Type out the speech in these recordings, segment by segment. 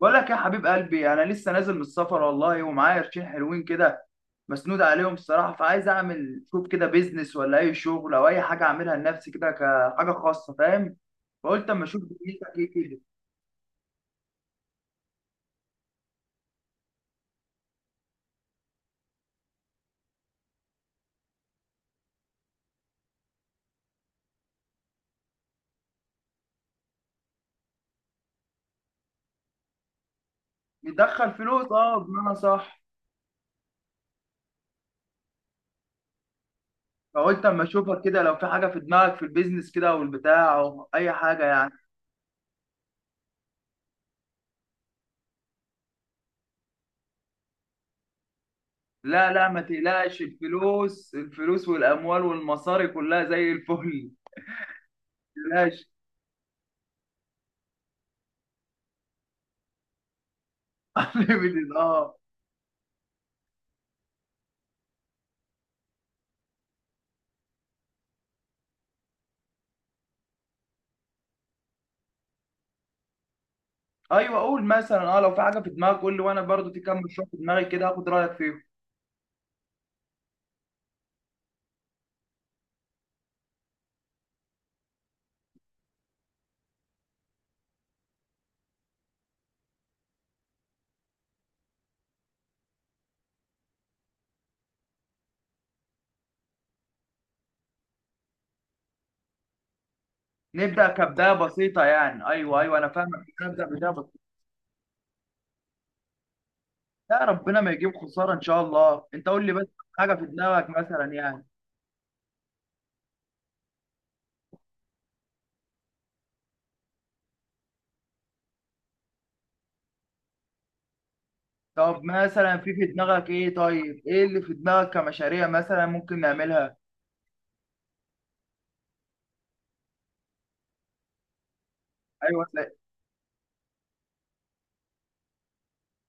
بقول لك يا حبيب قلبي، انا لسه نازل من السفر والله، ومعايا قرشين حلوين كده مسنود عليهم الصراحه. فعايز اعمل شوف كده بيزنس، ولا اي شغل او اي حاجه اعملها لنفسي كده كحاجه خاصه، فاهم؟ فقلت اما اشوف دنيتك ايه كده. ندخل فلوس، اه، بمعنى صح. فقلت اما اشوفك كده لو في حاجه في دماغك في البيزنس كده او البتاع او اي حاجه يعني. لا لا، ما تقلقش، الفلوس الفلوس والاموال والمصاري كلها زي الفل. ما تقلقش. unlimited، اه. ايوه، قول مثلا، اه، لو في حاجه في دماغك قول لي، وانا برضو في كام مشروع في دماغي كده هاخد رايك فيهم. نبدا كبدايه بسيطه يعني، ايوه ايوه انا فاهمك، نبدا بدايه بسيطه. لا، ربنا ما يجيب خساره ان شاء الله، انت قول لي بس حاجه في دماغك مثلا يعني. طب مثلا في دماغك ايه؟ طيب ايه اللي في دماغك كمشاريع مثلا ممكن نعملها؟ ايوه،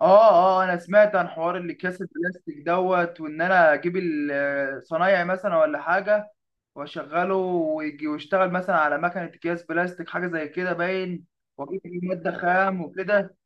اه اه، انا سمعت عن حوار اللي كاس البلاستيك دوت. وان انا اجيب الصنايعي مثلا ولا حاجه واشغله، ويجي ويشتغل مثلا على مكنه اكياس بلاستيك، حاجه زي كده باين، واجيب فيه ماده خام وكده.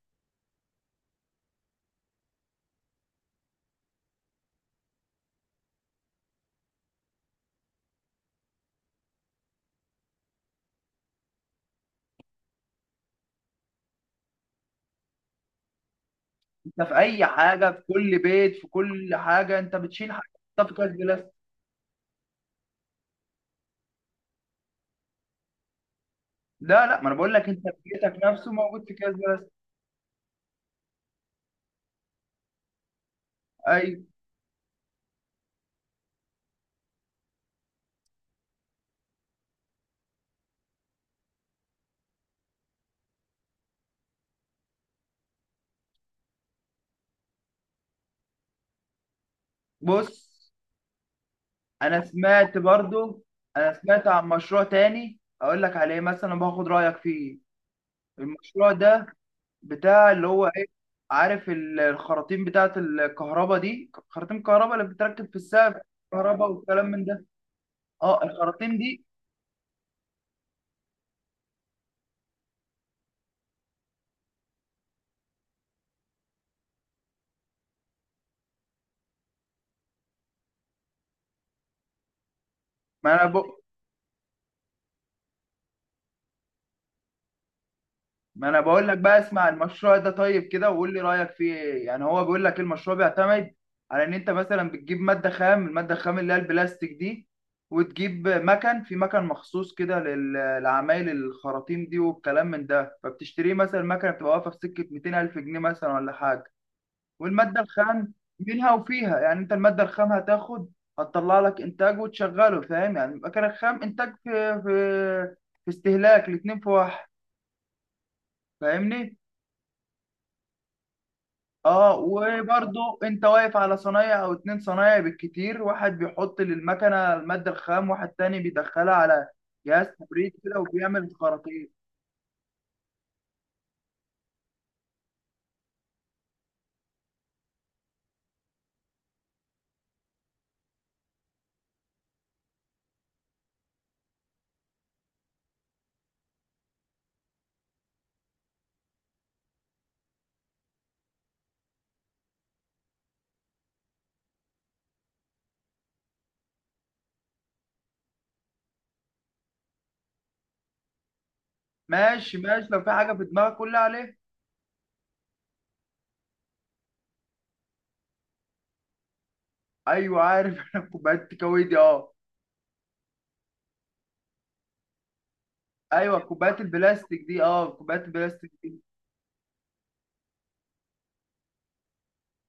انت في اي حاجه في كل بيت، في كل حاجه انت بتشيل حاجه تحطها في كاس بلاستيك. لا لا، ما انا بقول لك انت في بيتك نفسه موجود في كاس بلاستيك. اي، بص، انا سمعت برضو انا سمعت عن مشروع تاني اقول لك عليه مثلا باخد رايك فيه. المشروع ده بتاع اللي هو ايه، عارف الخراطيم بتاعة الكهرباء دي، خراطيم الكهرباء اللي بتتركب في السقف، كهرباء والكلام من ده، اه الخراطيم دي. ما انا ب... ما انا بقول لك بقى، اسمع المشروع ده طيب كده وقول لي رأيك فيه ايه. يعني هو بيقول لك المشروع بيعتمد على ان انت مثلا بتجيب مادة خام، المادة الخام اللي هي البلاستيك دي، وتجيب مكن، في مكن مخصوص كده لعمايل الخراطيم دي والكلام من ده، فبتشتريه مثلا، مكنه بتبقى واقفه في سكه 200 الف جنيه مثلا ولا حاجه. والمادة الخام منها وفيها، يعني انت المادة الخام هتاخد هتطلع لك انتاج، وتشغله فاهم؟ يعني المكان الخام انتاج، في استهلاك، الاتنين في واحد فاهمني؟ اه، وبرضه انت واقف على صنايع او اتنين صنايع بالكتير، واحد بيحط للمكنة المادة الخام، واحد تاني بيدخلها على جهاز تبريد كده وبيعمل الخراطيم. ماشي ماشي، لو في حاجة في دماغك قول لي عليها. ايوه عارف. انا كوبايات التكاوي دي، اه. ايوه كوبايات البلاستيك دي، اه، كوبايات البلاستيك،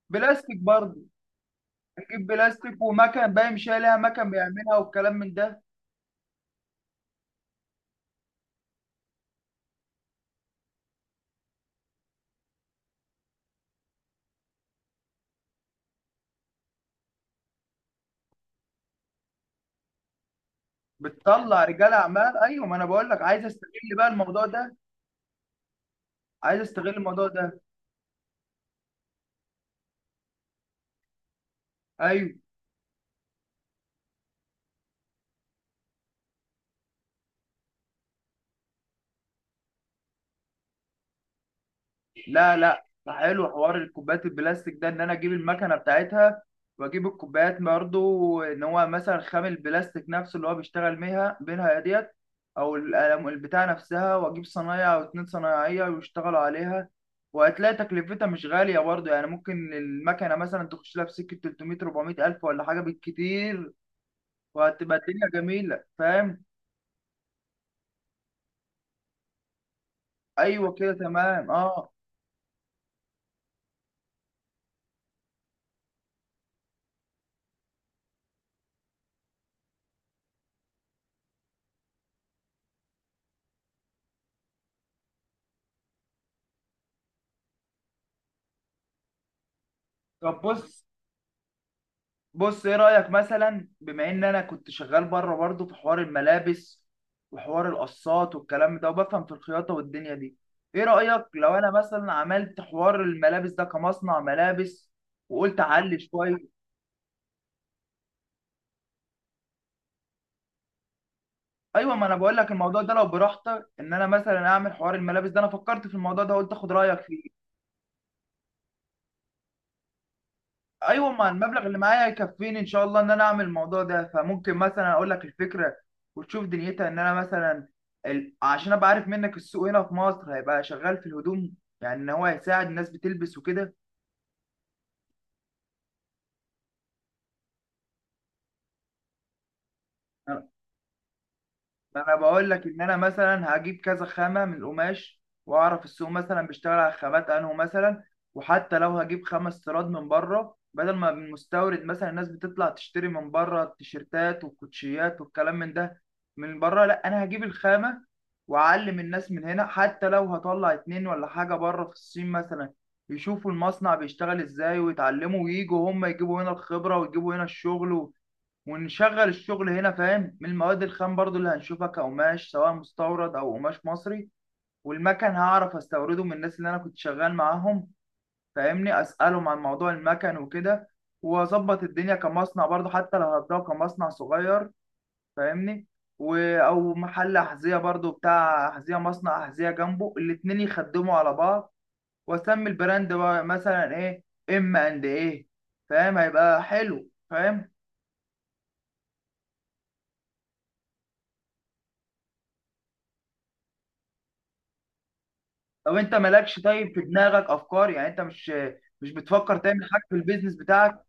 بلاستيك برضه، نجيب بلاستيك ومكن باين، مش هي ليها مكن بيعملها والكلام من ده. بتطلع رجال اعمال، ايوه، ما انا بقول لك بقى الموضوع ده عايز استغل الموضوع ده. ايوه. لا لا، حلو حوار الكوبايات البلاستيك ده، ان انا اجيب المكنه بتاعتها واجيب الكوبايات برضه. ان هو مثلا خام البلاستيك نفسه اللي هو بيشتغل بيها بينها ديت، او البتاع نفسها، واجيب صنايع او اتنين صنايعيه ويشتغلوا عليها. وهتلاقي تكلفتها مش غاليه برضه يعني، ممكن المكنه مثلا تخش لها في سكه 300 400 الف ولا حاجه بالكتير، وهتبقى الدنيا جميله فاهم؟ ايوه كده تمام، اه. طب بص بص، ايه رأيك مثلا بما ان انا كنت شغال بره برضه في حوار الملابس، وحوار القصات والكلام ده، وبفهم في الخياطة والدنيا دي، ايه رأيك لو انا مثلا عملت حوار الملابس ده كمصنع ملابس، وقلت اعلي شوية. ايوه، ما انا بقول لك الموضوع ده لو براحتك، ان انا مثلا اعمل حوار الملابس ده، انا فكرت في الموضوع ده قلت اخد رأيك فيه. ايوه، ما المبلغ اللي معايا يكفيني ان شاء الله ان انا اعمل الموضوع ده. فممكن مثلا اقول لك الفكره، وتشوف دنيتها. ان انا مثلا، عشان ابقى عارف منك السوق هنا في مصر هيبقى شغال في الهدوم، يعني ان هو هيساعد الناس بتلبس وكده. ما انا بقول لك ان انا مثلا هجيب كذا خامه من القماش، واعرف السوق مثلا بيشتغل على خامات انه مثلا. وحتى لو هجيب خمس استيراد من بره، بدل ما المستورد مثلا الناس بتطلع تشتري من بره التيشيرتات والكوتشيات والكلام من ده من بره، لا انا هجيب الخامه، واعلم الناس من هنا. حتى لو هطلع اتنين ولا حاجه بره في الصين مثلا، يشوفوا المصنع بيشتغل ازاي ويتعلموا، وييجوا هم يجيبوا هنا الخبره، ويجيبوا هنا الشغل، ونشغل الشغل هنا فاهم؟ من المواد الخام برضو اللي هنشوفها كقماش، سواء مستورد او قماش مصري، والمكن هعرف استورده من الناس اللي انا كنت شغال معاهم، فاهمني؟ اسالهم عن موضوع المكن وكده، واظبط الدنيا كمصنع برضو، حتى لو هبداه كمصنع صغير فاهمني؟ او محل احذيه برضو، بتاع احذيه مصنع احذيه جنبه، الاتنين يخدموا على بعض. واسمي البراند بقى مثلا ايه، ام اند ايه، فاهم هيبقى حلو فاهم؟ طب انت مالكش طيب في دماغك افكار، يعني انت مش، مش بتفكر تعمل حاجه في البيزنس بتاعك؟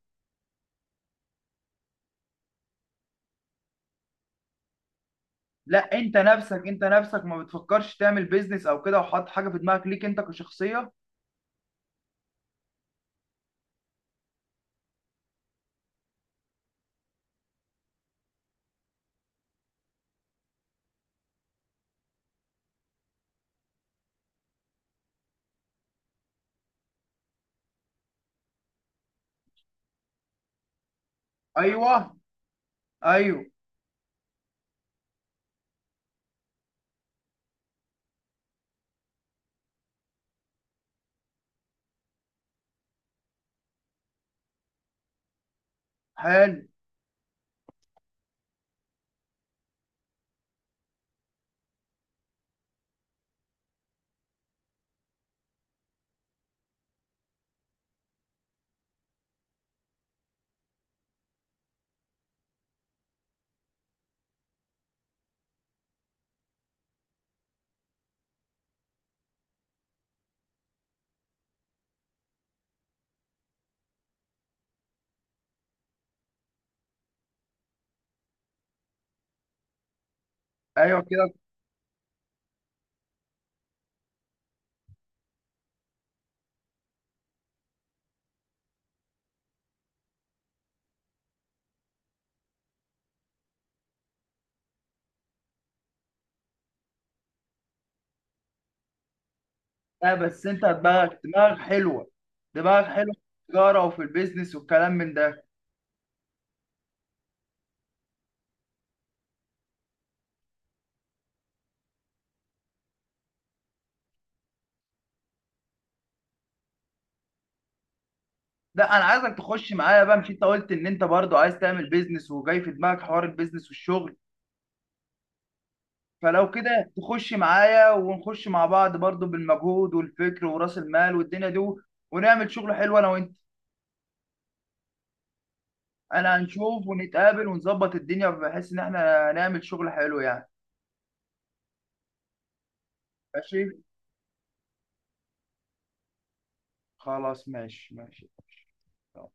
لا، انت نفسك ما بتفكرش تعمل بيزنس او كده وحاطط حاجه في دماغك ليك انت كشخصيه؟ ايوه ايوه، حلو، ايوه كده. لا بس انت دماغك حلوه دماغك حلوه في التجاره، وفي البيزنس والكلام من ده. لا انا عايزك تخش معايا بقى، مش انت قلت ان انت برضو عايز تعمل بيزنس، وجاي في دماغك حوار البيزنس والشغل؟ فلو كده تخش معايا، ونخش مع بعض برضو بالمجهود والفكر ورأس المال والدنيا دي، ونعمل شغل حلو انا وانت. انا هنشوف ونتقابل ونظبط الدنيا بحيث ان احنا نعمل شغل حلو يعني. ماشي، خلاص ماشي ماشي ماشي.